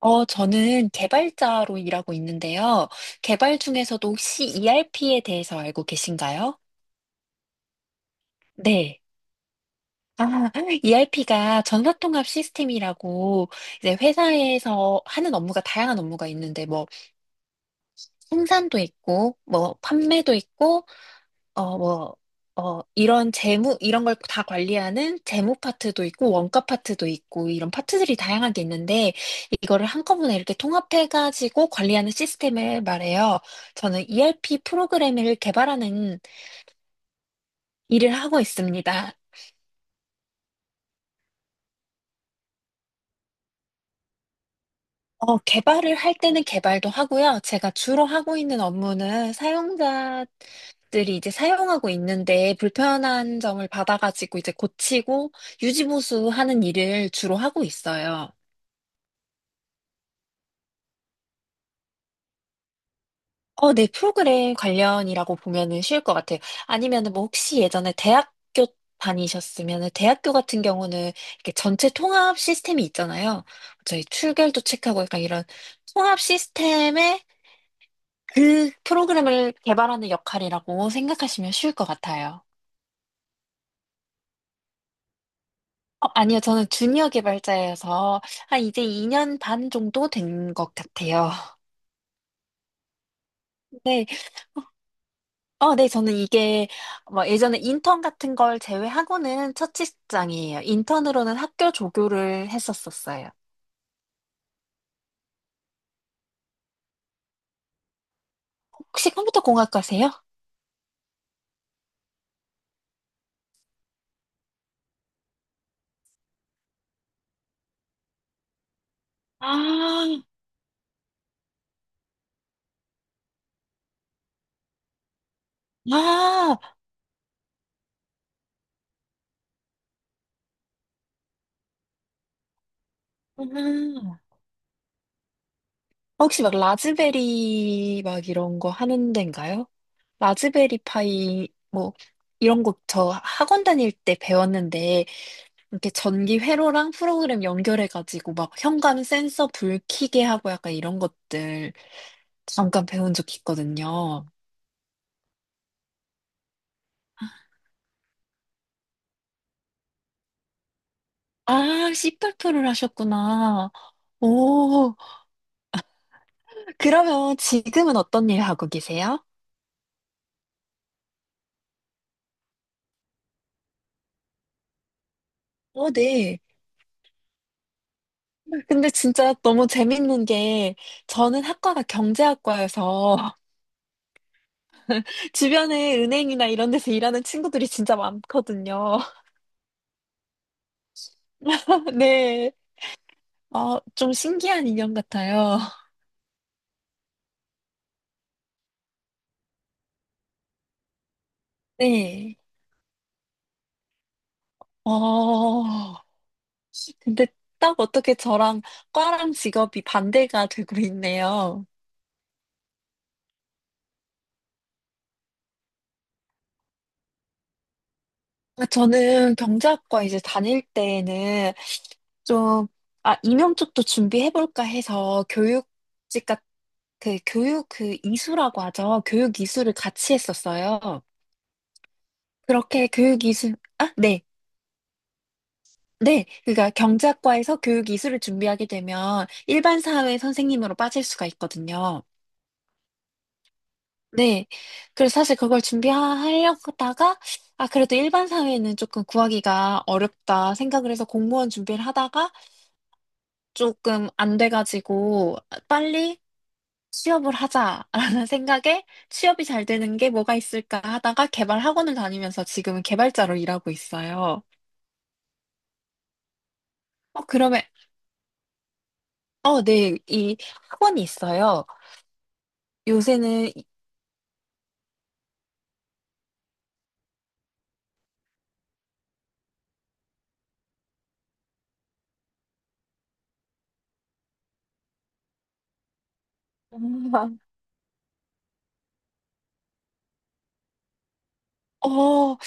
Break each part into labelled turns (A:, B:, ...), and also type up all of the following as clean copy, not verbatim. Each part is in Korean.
A: 저는 개발자로 일하고 있는데요. 개발 중에서도 혹시 ERP에 대해서 알고 계신가요? 네. 아, ERP가 전사통합 시스템이라고 이제 회사에서 하는 업무가 다양한 업무가 있는데 뭐 생산도 있고 뭐 판매도 있고 어, 뭐, 이런 재무, 이런 걸 다 관리하는 재무 파트도 있고, 원가 파트도 있고, 이런 파트들이 다양하게 있는데, 이거를 한꺼번에 이렇게 통합해가지고 관리하는 시스템을 말해요. 저는 ERP 프로그램을 개발하는 일을 하고 있습니다. 개발을 할 때는 개발도 하고요. 제가 주로 하고 있는 업무는 사용자 들이 이제 사용하고 있는데 불편한 점을 받아가지고 이제 고치고 유지보수하는 일을 주로 하고 있어요. 네, 프로그램 관련이라고 보면은 쉬울 것 같아요. 아니면은 뭐 혹시 예전에 대학교 다니셨으면은 대학교 같은 경우는 이렇게 전체 통합 시스템이 있잖아요. 저희 출결도 체크하고 약간 이런 통합 시스템의 그 프로그램을 개발하는 역할이라고 생각하시면 쉬울 것 같아요. 아니요, 저는 주니어 개발자여서 한 이제 2년 반 정도 된 것 같아요. 네. 네, 저는 이게 뭐 예전에 인턴 같은 걸 제외하고는 첫 직장이에요. 인턴으로는 학교 조교를 했었었어요. 혹시 컴퓨터 공학과세요? 아, 아, 음. 혹시 막 라즈베리 막 이런 거 하는 데인가요? 라즈베리 파이 뭐 이런 거 저 학원 다닐 때 배웠는데 이렇게 전기 회로랑 프로그램 연결해가지고 막 현관 센서 불 켜게 하고 약간 이런 것들 잠깐 배운 적 있거든요. 아, 씨팔로를 하셨구나. 오, 그러면 지금은 어떤 일 하고 계세요? 어, 네. 근데 진짜 너무 재밌는 게 저는 학과가 경제학과여서 주변에 은행이나 이런 데서 일하는 친구들이 진짜 많거든요. 네. 좀 신기한 인연 같아요. 네. 어, 근데 딱 어떻게 저랑 과랑 직업이 반대가 되고 있네요. 아, 저는 경제학과 이제 다닐 때에는 좀, 아, 임용 쪽도 준비해볼까 해서 그 교육 그 이수라고 하죠. 교육 이수를 같이 했었어요. 그렇게 아, 네. 네. 그러니까 경제학과에서 교육 이수를 준비하게 되면 일반 사회 선생님으로 빠질 수가 있거든요. 네. 그래서 사실 그걸 준비하려고 하다가, 아, 그래도 일반 사회는 조금 구하기가 어렵다 생각을 해서 공무원 준비를 하다가 조금 안 돼가지고 빨리 취업을 하자라는 생각에 취업이 잘 되는 게 뭐가 있을까 하다가 개발 학원을 다니면서 지금은 개발자로 일하고 있어요. 어, 그러면, 네, 이 학원이 있어요. 요새는, 이- 어, 와,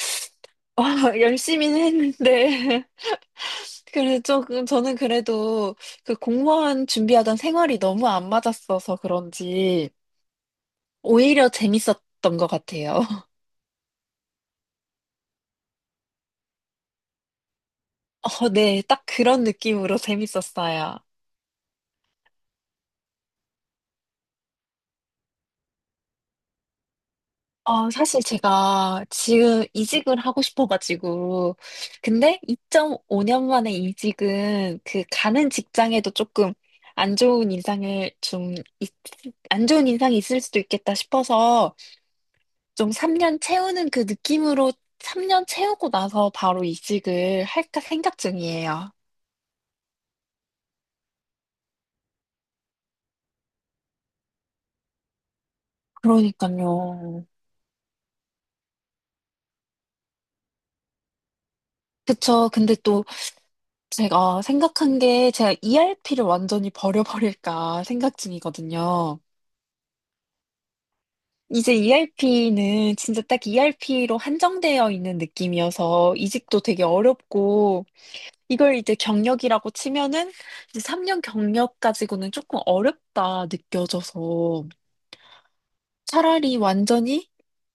A: 열심히는 했는데. 저는 그래도 그 공무원 준비하던 생활이 너무 안 맞았어서 그런지 오히려 재밌었던 것 같아요. 네, 딱 그런 느낌으로 재밌었어요. 어, 사실 제가 지금 이직을 하고 싶어가지고, 근데 2.5년 만에 이직은 그 가는 직장에도 조금 안 좋은 인상을 좀, 있- 안 좋은 인상이 있을 수도 있겠다 싶어서 좀 3년 채우는 그 느낌으로 3년 채우고 나서 바로 이직을 할까 생각 중이에요. 그러니까요. 그쵸. 근데 또 제가 생각한 게 제가 ERP를 완전히 버려버릴까 생각 중이거든요. 이제 ERP는 진짜 딱 ERP로 한정되어 있는 느낌이어서 이직도 되게 어렵고 이걸 이제 경력이라고 치면은 이제 3년 경력 가지고는 조금 어렵다 느껴져서 차라리 완전히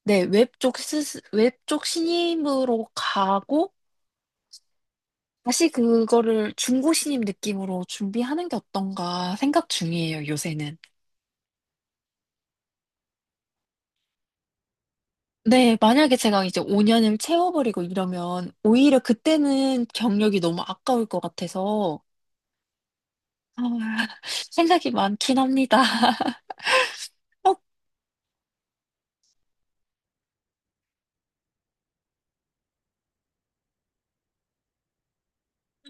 A: 네, 웹쪽 신임으로 가고 다시 그거를 중고 신임 느낌으로 준비하는 게 어떤가 생각 중이에요, 요새는. 네, 만약에 제가 이제 5년을 채워버리고 이러면 오히려 그때는 경력이 너무 아까울 것 같아서 아, 생각이 많긴 합니다. 어,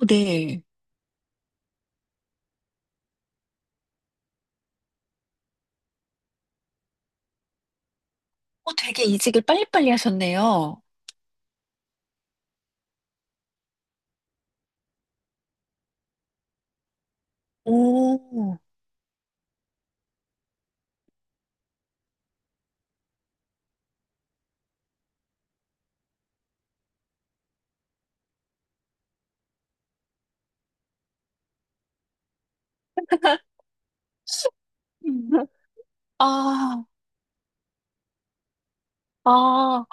A: 네. 되게 이직을 빨리빨리 하셨네요. 오. 아, 아.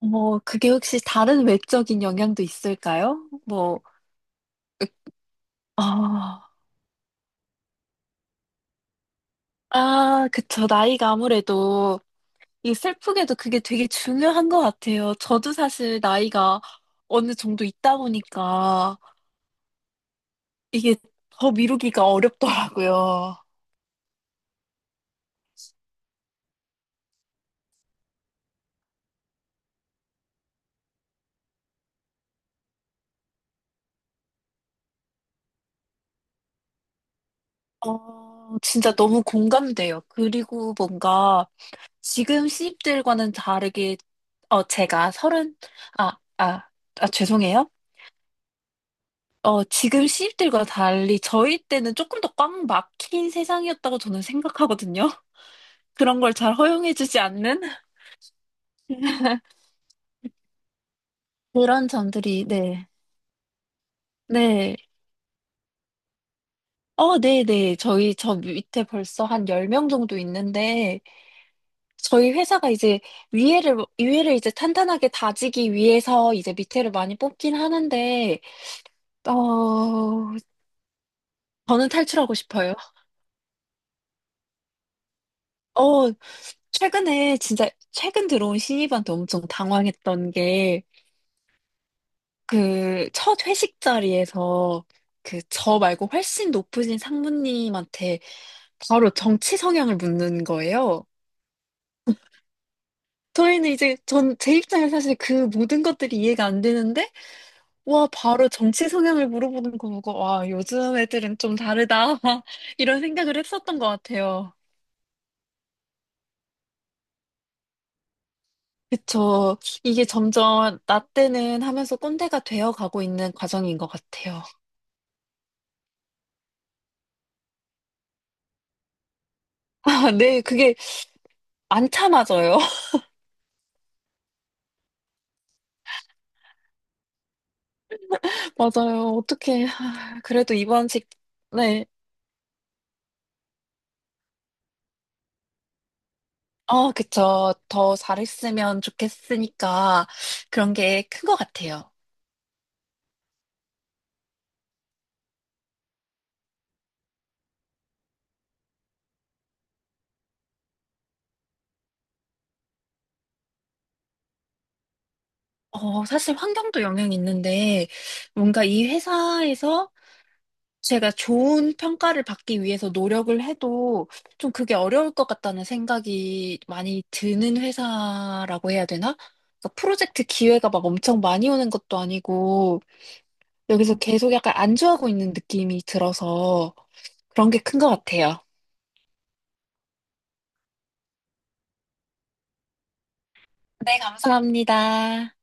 A: 뭐, 그게 혹시 다른 외적인 영향도 있을까요? 으- 아, 아, 그쵸. 나이가 아무래도 이 슬프게도 그게 되게 중요한 것 같아요. 저도 사실 나이가 어느 정도 있다 보니까 이게 더 미루기가 어렵더라고요. 어, 진짜 너무 공감돼요. 그리고 뭔가 지금 신입들과는 다르게, 어, 제가 서른, 아, 아, 아, 죄송해요. 지금 신입들과 달리 저희 때는 조금 더 꽉 막힌 세상이었다고 저는 생각하거든요. 그런 걸 잘 허용해주지 않는 그런 점들이, 네. 네. 네네. 저희 저 밑에 벌써 한 10명 정도 있는데, 저희 회사가 이제 위에를 이제 탄탄하게 다지기 위해서 이제 밑에를 많이 뽑긴 하는데, 어, 저는 탈출하고 싶어요. 어, 최근에 진짜 최근 들어온 신입한테 엄청 당황했던 게, 그 첫 회식 자리에서 그 저 말고 훨씬 높으신 상무님한테 바로 정치 성향을 묻는 거예요. 저희는 이제 전 제 입장에서 사실 그 모든 것들이 이해가 안 되는데 와 바로 정치 성향을 물어보는 거 보고 와 요즘 애들은 좀 다르다 이런 생각을 했었던 것 같아요. 그쵸. 이게 점점 나 때는 하면서 꼰대가 되어 가고 있는 과정인 것 같아요. 아, 네, 그게 안 참아져요. 맞아요. 어떻게 그래도 이번 직 네. 그쵸. 더 잘했으면 좋겠으니까 그런 게 큰 것 같아요. 어, 사실 환경도 영향이 있는데, 뭔가 이 회사에서 제가 좋은 평가를 받기 위해서 노력을 해도 좀 그게 어려울 것 같다는 생각이 많이 드는 회사라고 해야 되나? 그러니까 프로젝트 기회가 막 엄청 많이 오는 것도 아니고, 여기서 계속 약간 안주하고 있는 느낌이 들어서 그런 게 큰 것 같아요. 네, 감사합니다.